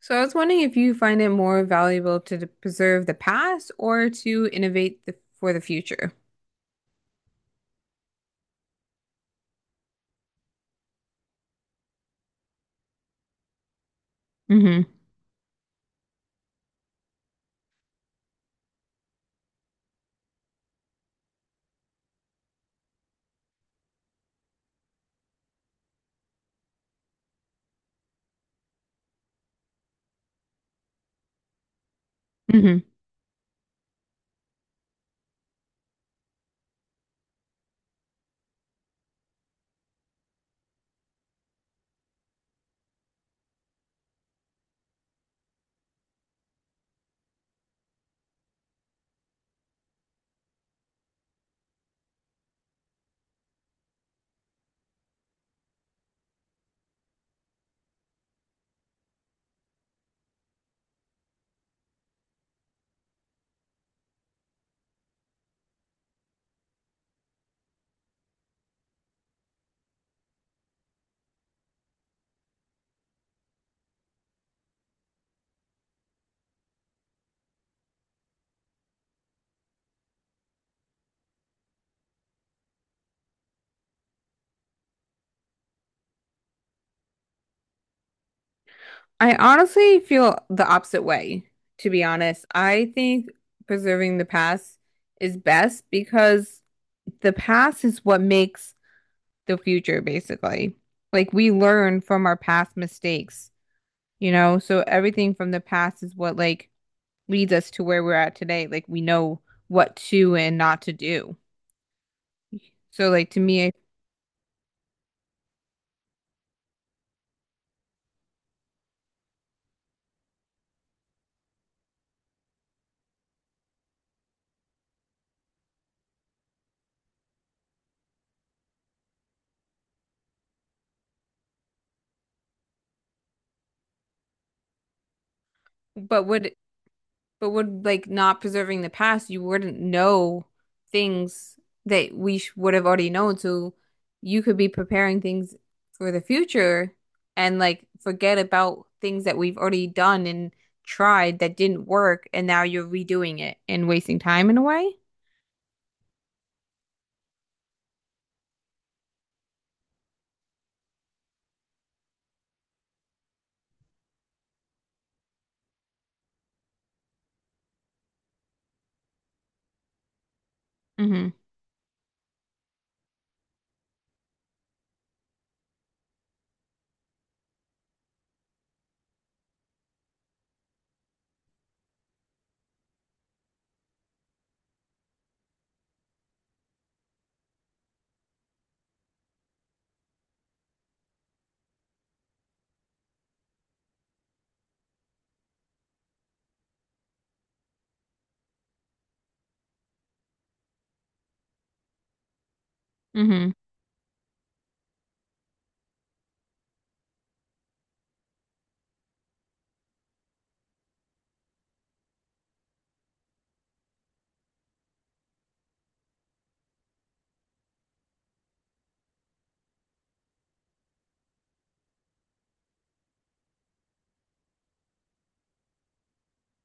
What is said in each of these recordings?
So I was wondering if you find it more valuable to preserve the past or to innovate for the future. hmm hmm I honestly feel the opposite way, to be honest. I think preserving the past is best because the past is what makes the future, basically. Like we learn from our past mistakes, you know? So everything from the past is what leads us to where we're at today. Like we know what to and not to do. So like to me, But would but would like not preserving the past, you wouldn't know things that we sh would have already known. So you could be preparing things for the future and like forget about things that we've already done and tried that didn't work, and now you're redoing it and wasting time in a way. Mm-hmm. Mm-hmm.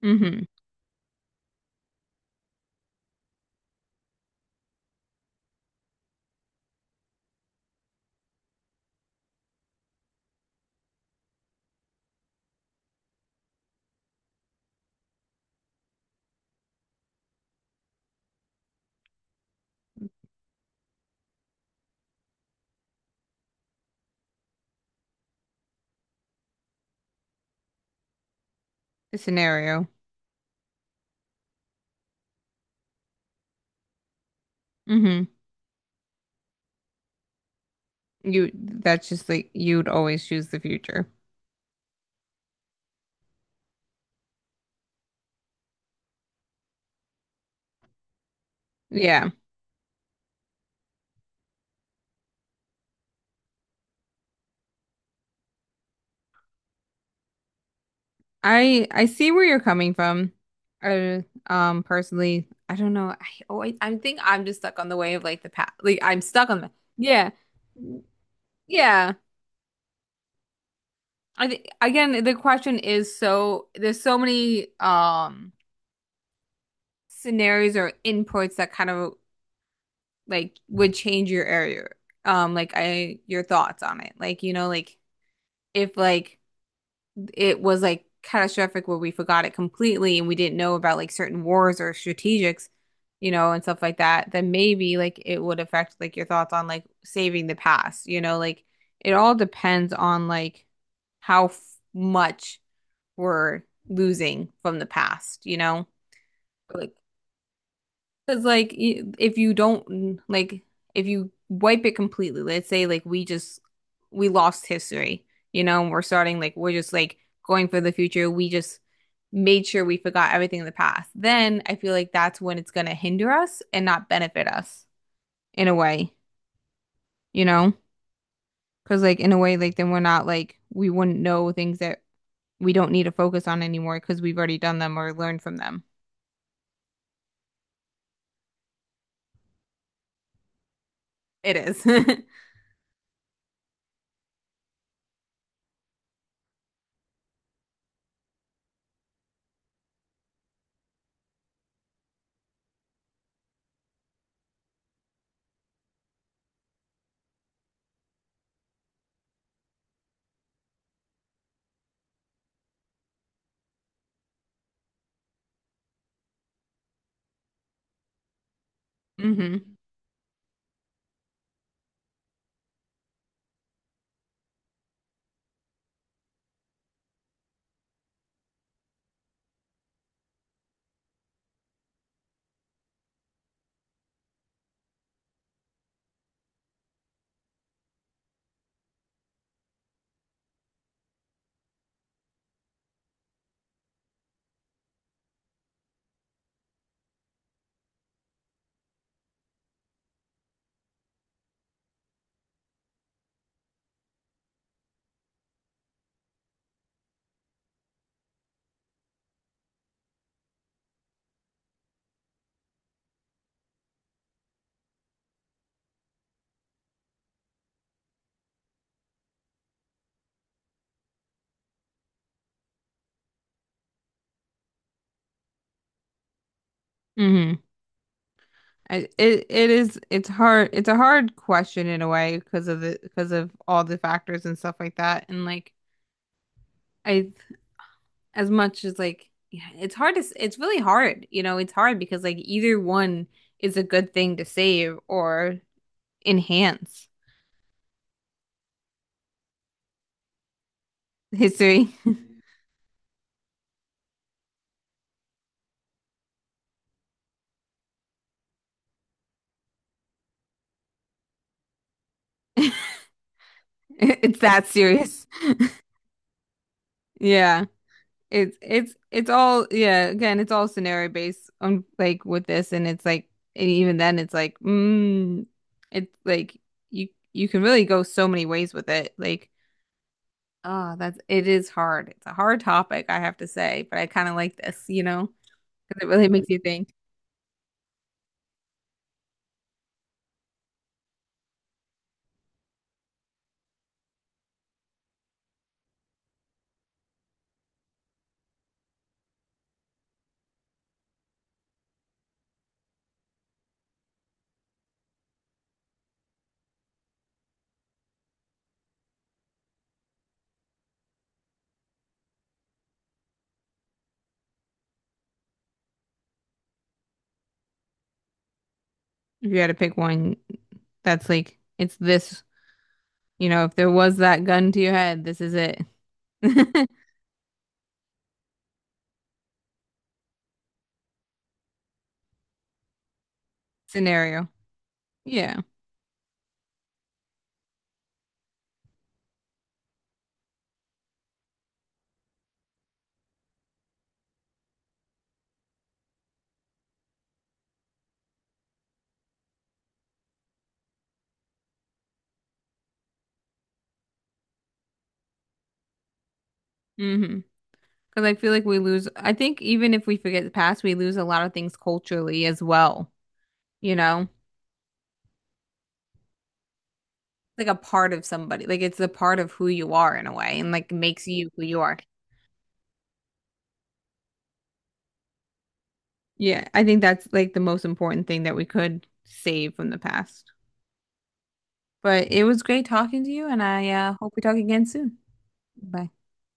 Mm-hmm. The scenario. Mm-hmm. You, that's just like you'd always choose the future. Yeah. I see where you're coming from. I personally, I don't know. I think I'm just stuck on the way of like the past. Like I'm stuck on the— Yeah. Yeah. I think again the question is, so there's so many scenarios or inputs that kind of like would change your area. Um, like I— your thoughts on it. Like, you know, like if like it was like catastrophic where we forgot it completely and we didn't know about like certain wars or strategics, you know, and stuff like that, then maybe like it would affect like your thoughts on like saving the past, you know, like it all depends on like how f much we're losing from the past, you know? Like, because like if you don't, like if you wipe it completely, let's say like we just we lost history, you know, and we're starting like we're just like going for the future. We just made sure we forgot everything in the past. Then I feel like that's when it's gonna hinder us and not benefit us in a way, you know? Because like in a way, like then we're not like we wouldn't know things that we don't need to focus on anymore because we've already done them or learned from them. It is. Mm-hmm. Mm-hmm. It is, it's hard, it's a hard question in a way because of the— because of all the factors and stuff like that, and like I— as much as like, yeah, it's hard to it's really hard, you know, it's hard because like either one is a good thing to save or enhance history. It's that serious. Yeah. It's all Yeah, again, it's all scenario based on like with this, and it's like— and even then it's like, mm, it's like you— you can really go so many ways with it. Like, oh, that's— it is hard. It's a hard topic, I have to say, but I kind of like this, you know, because it really makes you think. If you had to pick one, that's like it's this, you know, if there was that gun to your head, this is it. Scenario. Yeah. Hmm. Because I feel like we lose, I think even if we forget the past, we lose a lot of things culturally as well, you know? Like a part of somebody, like it's a part of who you are in a way and like makes you who you are. Yeah, I think that's like the most important thing that we could save from the past. But it was great talking to you, and I hope we talk again soon. Bye.